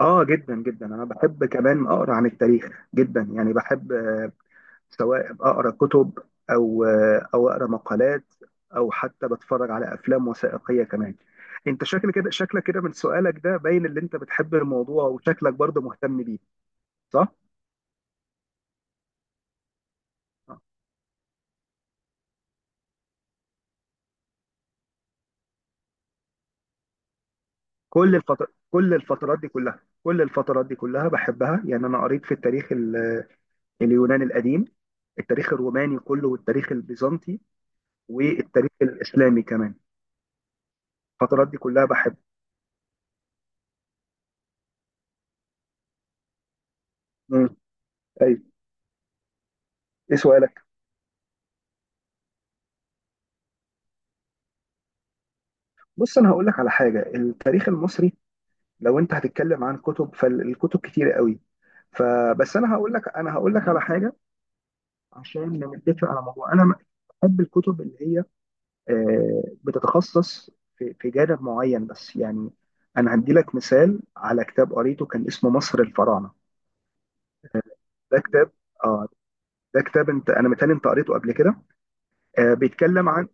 اه، جدا جدا انا بحب كمان اقرا عن التاريخ جدا، يعني بحب سواء اقرا كتب او اقرا مقالات، او حتى بتفرج على افلام وثائقيه كمان. انت شكلك كده من سؤالك ده باين اللي انت بتحب الموضوع، وشكلك برضه مهتم بيه، صح؟ آه. كل الفتر... كل الفترات دي كلها كل الفترات دي كلها بحبها، يعني انا قريت في التاريخ اليوناني القديم، التاريخ الروماني كله، والتاريخ البيزنطي، والتاريخ الاسلامي كمان. الفترات دي كلها بحب. ايوه، ايه سؤالك؟ بص، انا هقول لك على حاجه. التاريخ المصري لو انت هتتكلم عن كتب فالكتب كتير قوي، فبس انا هقول لك على حاجه عشان نتفق على موضوع. انا بحب الكتب اللي هي بتتخصص في جانب معين بس يعني. انا هدي لك مثال على كتاب قريته كان اسمه مصر الفراعنه. ده كتاب. اه. ده كتاب انا متهيألي انت قريته قبل كده. بيتكلم عن،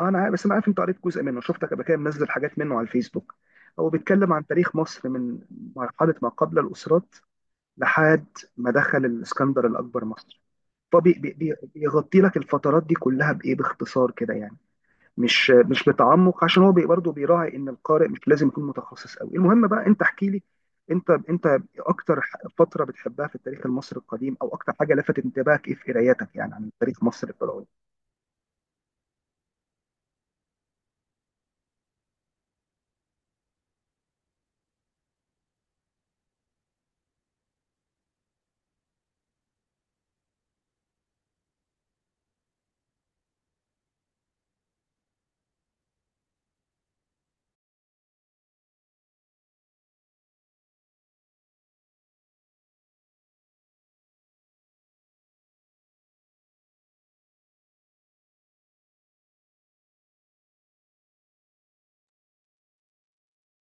بس انا عارف انت قريت جزء منه، شفتك قبل كده منزل حاجات منه على الفيسبوك. هو بيتكلم عن تاريخ مصر من مرحله ما قبل الاسرات لحد ما دخل الاسكندر الاكبر مصر. فبيغطي لك الفترات دي كلها بايه، باختصار كده يعني، مش بتعمق، عشان هو برضه بيراعي ان القارئ مش لازم يكون متخصص قوي. المهم بقى، انت احكي لي، انت اكتر فتره بتحبها في التاريخ المصري القديم، او اكتر حاجه لفتت انتباهك ايه في قرايتك، يعني عن تاريخ مصر الفرعوني.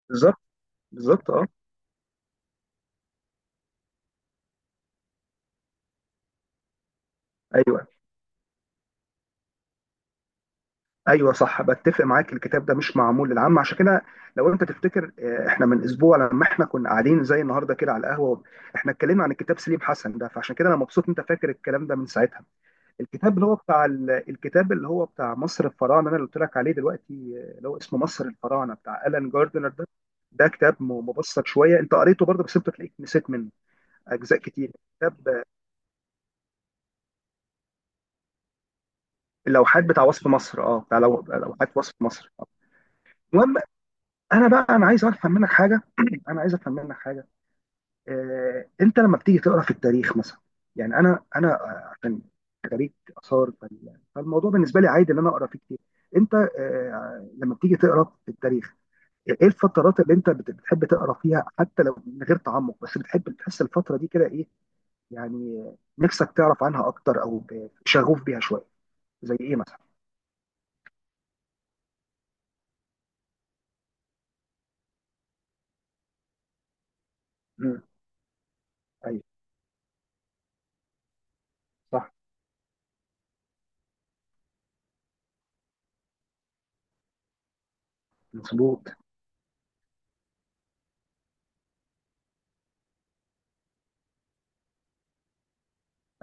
بالظبط. بالظبط، اه. ايوه. ايوه، صح، بتفق معاك. الكتاب ده مش معمول للعامه، عشان كده. لو انت تفتكر، احنا من اسبوع، لما احنا كنا قاعدين زي النهارده كده على القهوه، احنا اتكلمنا عن الكتاب سليم حسن ده، فعشان كده انا مبسوط انت فاكر الكلام ده من ساعتها. الكتاب اللي هو بتاع ال- الكتاب اللي هو بتاع مصر الفراعنه انا اللي قلت لك عليه دلوقتي، اللي هو اسمه مصر الفراعنه بتاع الان جاردنر ده. ده كتاب مبسط شويه. انت قريته برضه، بس انت تلاقيك نسيت منه اجزاء كتير. كتاب اللوحات بتاع وصف مصر، اه، بتاع لوحات وصف مصر. المهم، انا بقى انا عايز افهم منك حاجه انا عايز افهم منك حاجه. انت لما بتيجي تقرا في التاريخ مثلا، يعني انا، عشان خريج اثار، فالموضوع بالنسبه لي عادي ان انا اقرا فيه كتير. انت لما بتيجي تقرا في التاريخ، ايه الفترات اللي انت بتحب تقرا فيها حتى لو من غير تعمق، بس بتحب تحس الفتره دي كده ايه، يعني نفسك تعرف عنها اكتر، او شغوف بيها شويه، زي ايه مثلا؟ امم. ايوه، صح، مظبوط.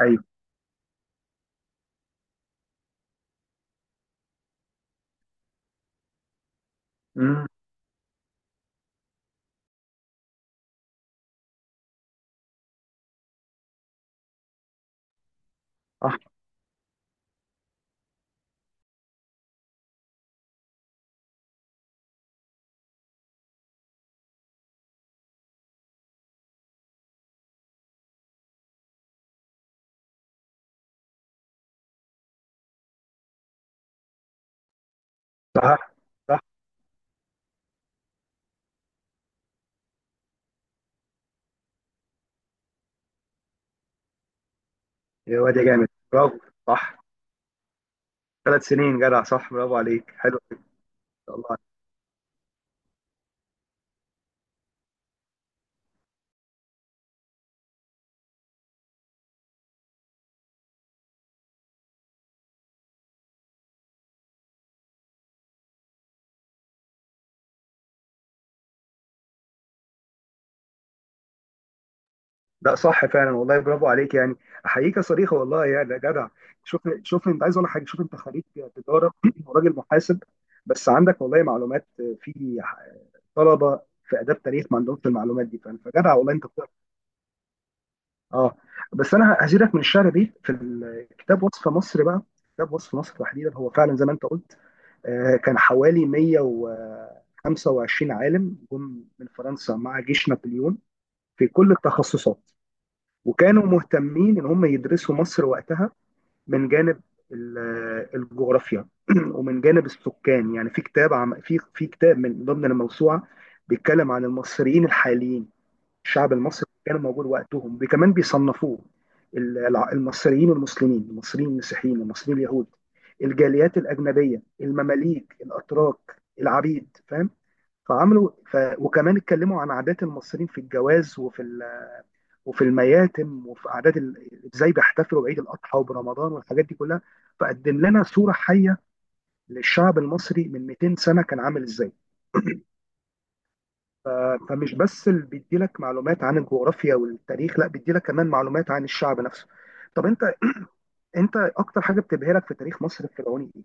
ايوه. امم. صح. صح. يا واد يا جامد، برافو. صح، ثلاث سنين، جدع، صح، برافو عليك، حلو، ما شاء الله عليك. لا صح فعلا، والله برافو عليك يعني، احييك يا صريخه، والله يا ده جدع. شوف شوف، انت عايز اقول لك حاجه، شوف، انت خريج تجاره وراجل محاسب، بس عندك والله معلومات في طلبه في اداب تاريخ ما عندهمش المعلومات دي، فجدع والله انت. اه. بس انا هزيدك من الشعر بيت في كتاب وصف مصر بقى. كتاب وصف مصر تحديدا، هو فعلا زي ما انت قلت، كان حوالي 125 عالم جم من فرنسا مع جيش نابليون، في كل التخصصات. وكانوا مهتمين ان هم يدرسوا مصر وقتها من جانب ال- الجغرافيا ومن جانب السكان. يعني في كتاب، عم في في كتاب من ضمن الموسوعة بيتكلم عن المصريين الحاليين. الشعب المصري كان موجود وقتهم، وكمان بيصنفوه، المصريين المسلمين، المصريين المسيحيين، المصريين اليهود، الجاليات الأجنبية، المماليك، الأتراك، العبيد، فاهم؟ فعملوا وكمان اتكلموا عن عادات المصريين في الجواز، وفي المياتم، وفي عادات ازاي بيحتفلوا بعيد الأضحى وبرمضان والحاجات دي كلها. فقدم لنا صورة حية للشعب المصري من 200 سنة كان عامل ازاي. ف- فمش بس اللي بيديلك معلومات عن الجغرافيا والتاريخ، لا، بيديلك كمان معلومات عن الشعب نفسه. طب انت اكتر حاجه بتبهرك في تاريخ مصر الفرعوني ايه؟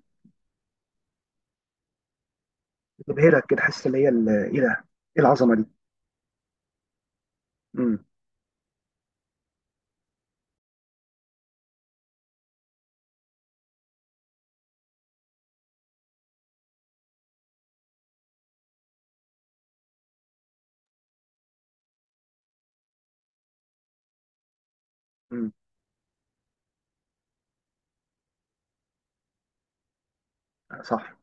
بتبهرك كده، حاسس اللي هي ايه ده، ايه العظمه دي؟ امم. امم. صح.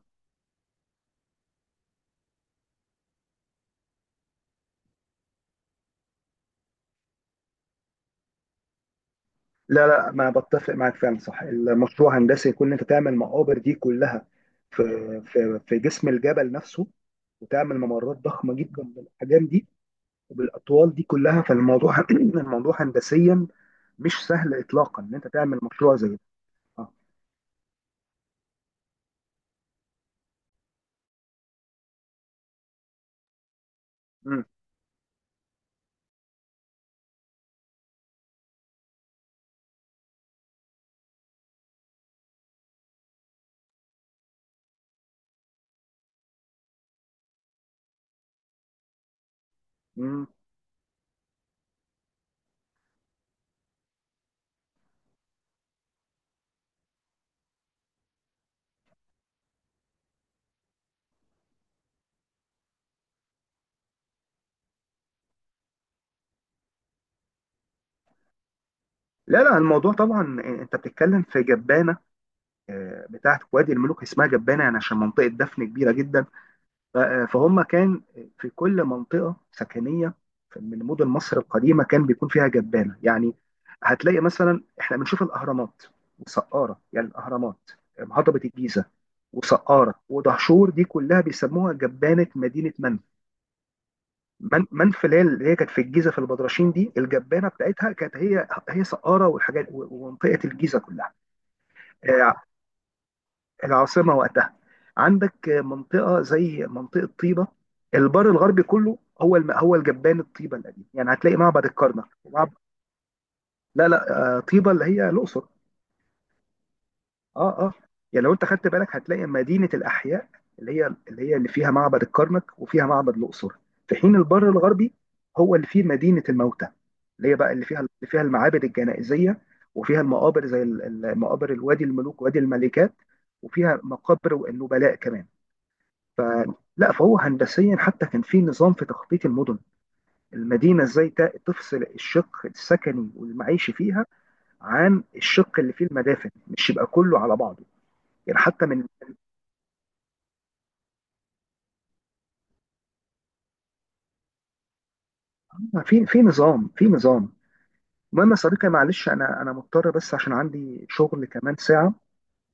لا لا، ما بتفق معاك، فعلا صح. المشروع هندسي يكون انت تعمل مقابر دي كلها في في جسم الجبل نفسه، وتعمل ممرات ضخمه جدا بالاحجام دي وبالاطوال دي كلها، فالموضوع الموضوع هندسيا مش سهل اطلاقا ان انت تعمل مشروع زي ده. آه. مم. مم. لا لا، الموضوع طبعا، انت بتتكلم في جبانه، بتاعت وادي الملوك. اسمها جبانه يعني عشان منطقه دفن كبيره جدا. فهم كان في كل منطقه سكنيه من مدن مصر القديمه كان بيكون فيها جبانه، يعني هتلاقي مثلا احنا بنشوف الاهرامات وسقاره. يعني الاهرامات، هضبه الجيزه وسقاره ودهشور، دي كلها بيسموها جبانه مدينه منى. من منف، اللي هي كانت في الجيزه في البدرشين، دي الجبانه بتاعتها كانت هي هي سقاره والحاجات، و- ومنطقه الجيزه كلها. آه، العاصمه وقتها، عندك منطقه زي منطقه طيبه. البر الغربي كله هو هو الجبان الطيبه القديم، يعني هتلاقي معبد الكرنك لا لا، طيبه اللي هي الاقصر. اه، اه. يعني لو انت خدت بالك، هتلاقي مدينه الاحياء اللي فيها معبد الكرنك وفيها معبد الاقصر، في حين البر الغربي هو اللي فيه مدينه الموتى، اللي هي بقى اللي فيها المعابد الجنائزيه، وفيها المقابر زي مقابر الوادي الملوك، وادي الملكات، وفيها مقابر النبلاء كمان. فهو هندسيا حتى كان في نظام في تخطيط المدن. المدينه ازاي تفصل الشق السكني والمعيشي فيها عن الشق اللي فيه المدافن، مش يبقى كله على بعضه، يعني حتى من في نظام، في نظام. المهم يا صديقي، معلش انا مضطر، بس عشان عندي شغل كمان ساعة،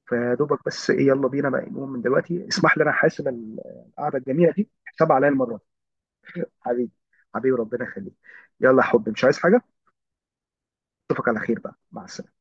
فدوبك بس ايه، يلا بينا بقى نقوم من دلوقتي. اسمح لي انا حاسب القعدة الجميلة دي، حساب عليا المرة دي. حبيبي، حبيبي، ربنا يخليك. يلا يا حبيبي، مش عايز حاجة. اشوفك على خير بقى، مع السلامة.